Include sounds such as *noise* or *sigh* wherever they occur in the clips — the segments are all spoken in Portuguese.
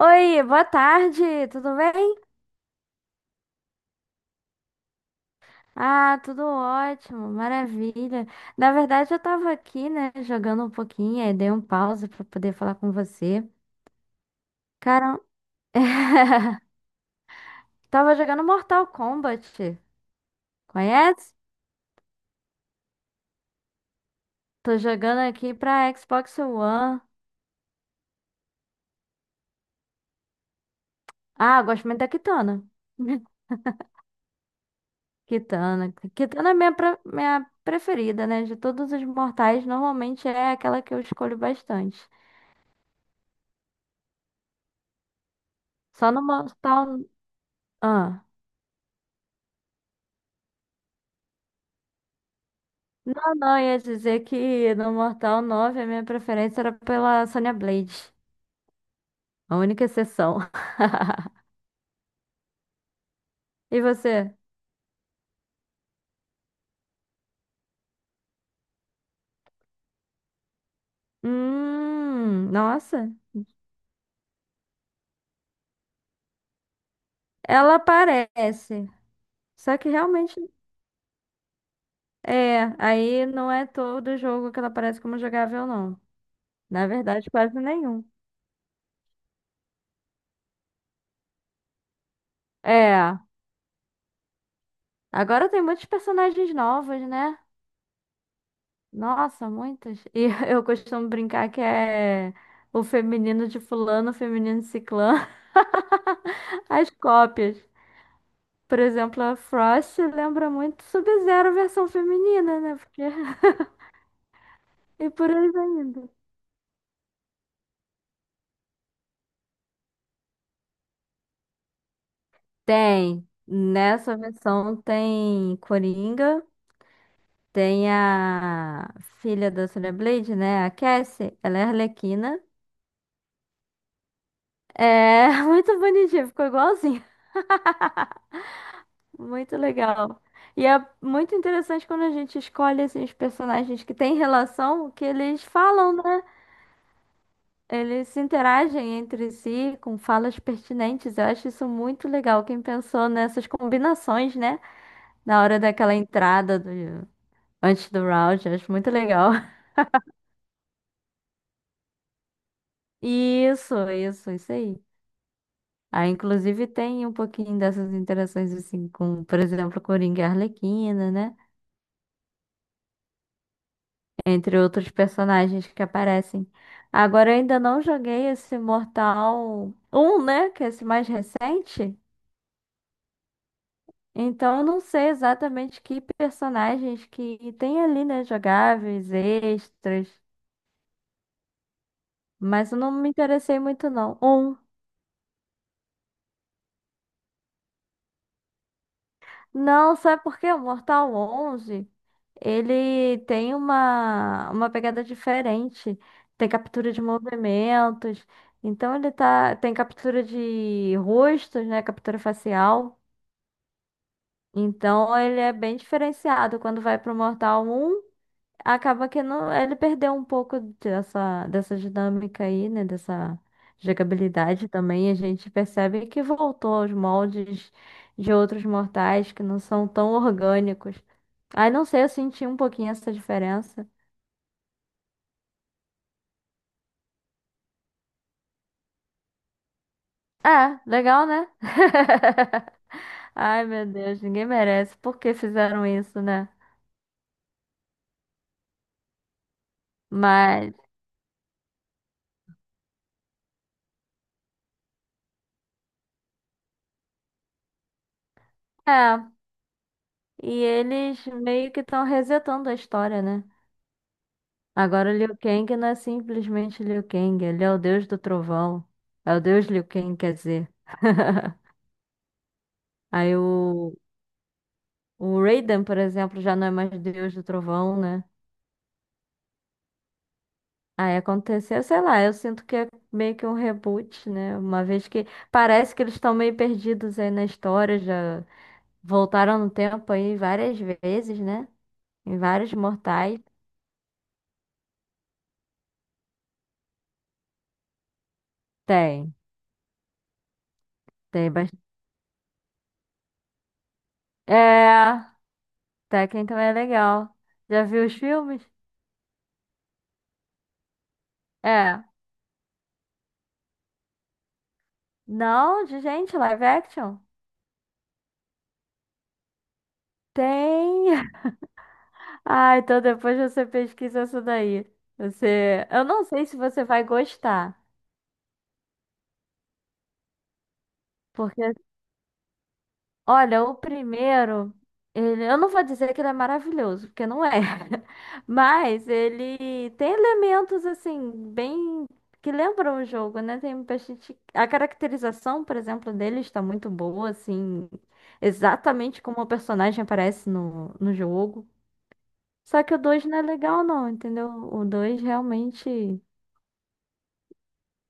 Oi, boa tarde, tudo bem? Ah, tudo ótimo, maravilha. Na verdade, eu tava aqui, né, jogando um pouquinho, aí dei um pause pra poder falar com você. Cara, *laughs* tava jogando Mortal Kombat, conhece? Tô jogando aqui pra Xbox One. Ah, gosto muito da Kitana. *laughs* Kitana. Kitana é minha preferida, né? De todos os mortais, normalmente é aquela que eu escolho bastante. Só no Mortal. Ah. Não, não, ia dizer que no Mortal 9 a minha preferência era pela Sonya Blade. A única exceção. *laughs* E você? Nossa. Ela aparece. Só que realmente é. Aí não é todo jogo que ela aparece como jogável, não. Na verdade, quase nenhum. É. Agora tem muitos personagens novos, né? Nossa, muitos. E *laughs* eu costumo brincar que é o feminino de fulano, o feminino de ciclano, *laughs* as cópias. Por exemplo, a Frost lembra muito Sub-Zero versão feminina, né? Porque... *laughs* E por aí vai indo. Tem. Nessa versão tem Coringa, tem a filha da Sonya Blade, né? A Cassie, ela é Arlequina. É *laughs* muito bonitinha, ficou igualzinha. Muito legal. E é muito interessante quando a gente escolhe assim, os personagens que têm relação, o que eles falam, né? Eles se interagem entre si com falas pertinentes. Eu acho isso muito legal. Quem pensou nessas combinações, né? Na hora daquela entrada do, antes do round, eu acho muito legal. *laughs* Isso aí. Aí, inclusive, tem um pouquinho dessas interações, assim, com, por exemplo, Coringa e Arlequina, né? Entre outros personagens que aparecem. Agora, eu ainda não joguei esse Mortal 1, né? Que é esse mais recente. Então, eu não sei exatamente que personagens que tem ali, né? Jogáveis, extras. Mas eu não me interessei muito, não. Um. Não, sabe por quê? O Mortal 11, ele tem uma pegada diferente. Tem captura de movimentos. Então, ele tá. Tem captura de rostos, né? Captura facial. Então, ele é bem diferenciado. Quando vai pro Mortal 1, acaba que não, ele perdeu um pouco dessa dinâmica aí, né? Dessa jogabilidade também. A gente percebe que voltou aos moldes de outros mortais que não são tão orgânicos. Aí não sei, eu senti um pouquinho essa diferença. Ah, legal, né? *laughs* Ai, meu Deus, ninguém merece. Por que fizeram isso, né? Mas, é. E eles meio que estão resetando a história, né? Agora, o Liu Kang não é simplesmente Liu Kang, ele é o deus do trovão. É o deus Liu Kang, quer dizer. *laughs* Aí o Raiden, por exemplo, já não é mais deus do trovão, né? Aí aconteceu, sei lá, eu sinto que é meio que um reboot, né? Uma vez que parece que eles estão meio perdidos aí na história, já voltaram no tempo aí várias vezes, né? Em vários mortais. Tem, tem bastante. É, Tekken também é legal. Já viu os filmes? É. Não, de gente, live action? Tem. *laughs* Ah, então depois você pesquisa isso daí. Você, eu não sei se você vai gostar, porque olha, o primeiro, ele, eu não vou dizer que ele é maravilhoso, porque não é. *laughs* Mas ele tem elementos assim bem que lembram o jogo, né? Tem bastante a caracterização, por exemplo, dele está muito boa, assim, exatamente como o personagem aparece no jogo. Só que o 2 não é legal, não, entendeu? O 2 realmente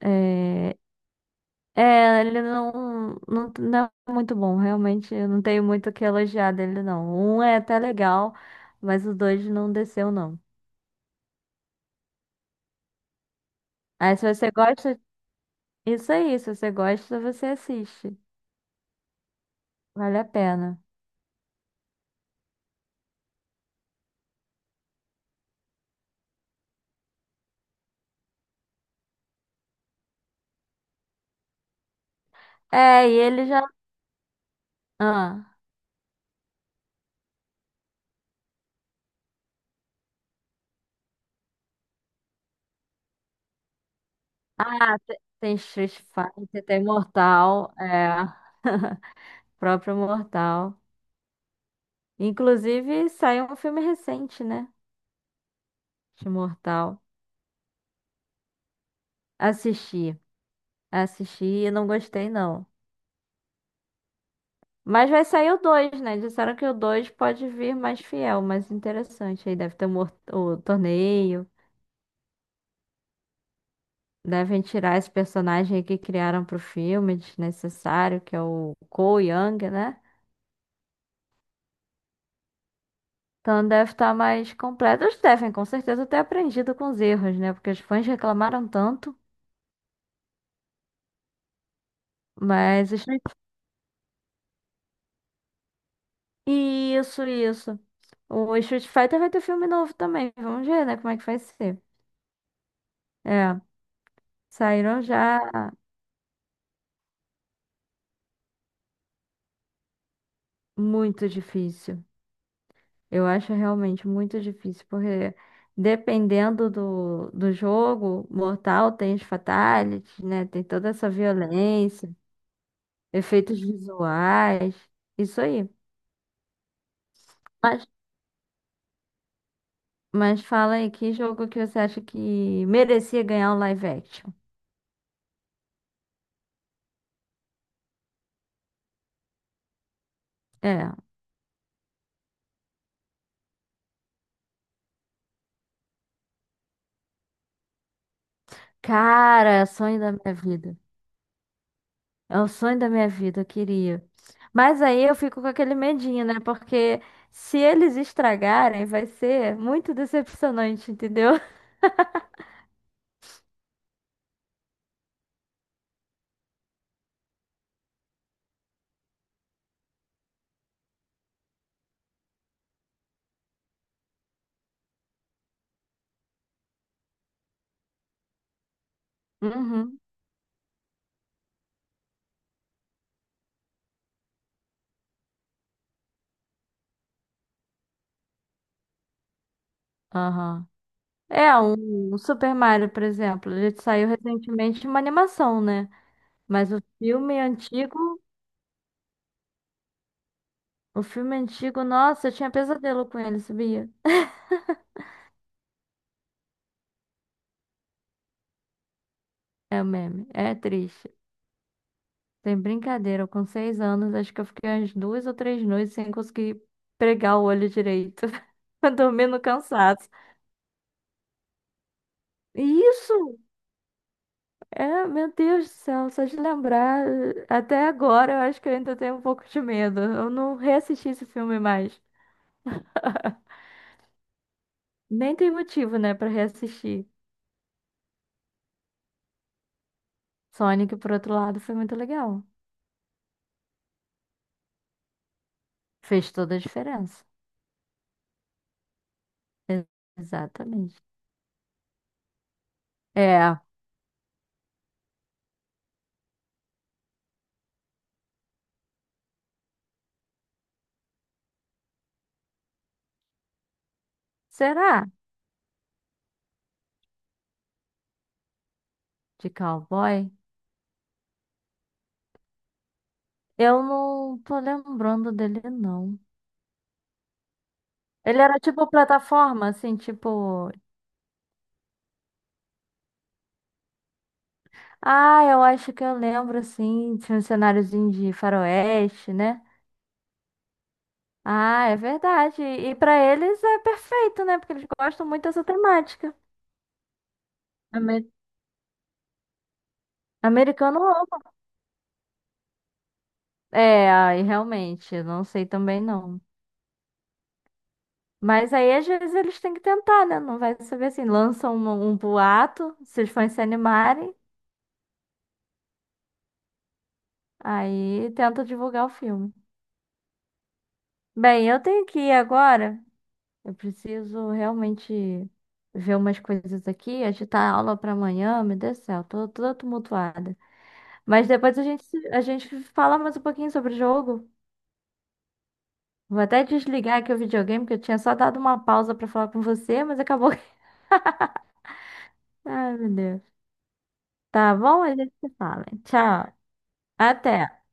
é. É. Ele não, não, não é muito bom, realmente. Eu não tenho muito o que elogiar dele, não. O um é até legal, mas o dois não desceu, não. Aí, se você gosta, isso aí. Se você gosta, você assiste. Vale a pena. É, e ele já. Ah, tem Street Fighter, tem Mortal, é. *laughs* Próprio Mortal. Inclusive, saiu um filme recente, né? Este Mortal. Assisti. Assisti e não gostei, não. Mas vai sair o 2, né? Disseram que o 2 pode vir mais fiel, mais interessante. Aí deve ter o torneio. Devem tirar esse personagem aí que criaram pro filme, desnecessário, que é o Cole Young, né? Então deve estar mais completo. Eles devem, com certeza, ter aprendido com os erros, né? Porque os fãs reclamaram tanto. Mas. Isso, isso. O Street Fighter vai ter filme novo também. Vamos ver, né? Como é que vai ser. É. Saíram já muito difícil. Eu acho realmente muito difícil, porque dependendo do jogo, Mortal tem os fatalities, né? Tem toda essa violência, efeitos visuais, isso aí. Mas, mas fala aí, que jogo que você acha que merecia ganhar um live action? É. Cara, sonho da minha vida. É o sonho da minha vida, eu queria. Mas aí eu fico com aquele medinho, né? Porque se eles estragarem, vai ser muito decepcionante, entendeu? *laughs* Uhum. Aham. É, um Super Mario, por exemplo, ele saiu recentemente uma animação, né? Mas o filme antigo, nossa, eu tinha pesadelo com ele, sabia? *laughs* É o meme, é triste. Sem brincadeira, eu com 6 anos, acho que eu fiquei umas 2 ou 3 noites sem conseguir pregar o olho direito, *laughs* dormindo cansado. Isso! É, meu Deus do céu, só de lembrar, até agora eu acho que eu ainda tenho um pouco de medo. Eu não reassisti esse filme mais. *laughs* Nem tem motivo, né, pra reassistir. Sonic, por outro lado, foi muito legal. Fez toda a diferença. E- Exatamente. É, será? De cowboy? Eu não tô lembrando dele, não. Ele era tipo plataforma, assim, tipo. Ah, eu acho que eu lembro, assim, tinha um cenáriozinho de faroeste, né? Ah, é verdade. E pra eles é perfeito, né? Porque eles gostam muito dessa temática. Amer- Americano ama. É, aí realmente, eu não sei também não. Mas aí às vezes eles têm que tentar, né? Não vai saber assim, lançam um boato, se os fãs se animarem, aí tenta divulgar o filme. Bem, eu tenho que ir agora. Eu preciso realmente ver umas coisas aqui, agitar a aula pra amanhã, meu Deus do céu, tô toda tumultuada. Mas depois a gente fala mais um pouquinho sobre o jogo. Vou até desligar aqui o videogame, que eu tinha só dado uma pausa pra falar com você, mas acabou. *laughs* Ai, meu Deus. Tá bom? A gente se fala. Tchau. Até.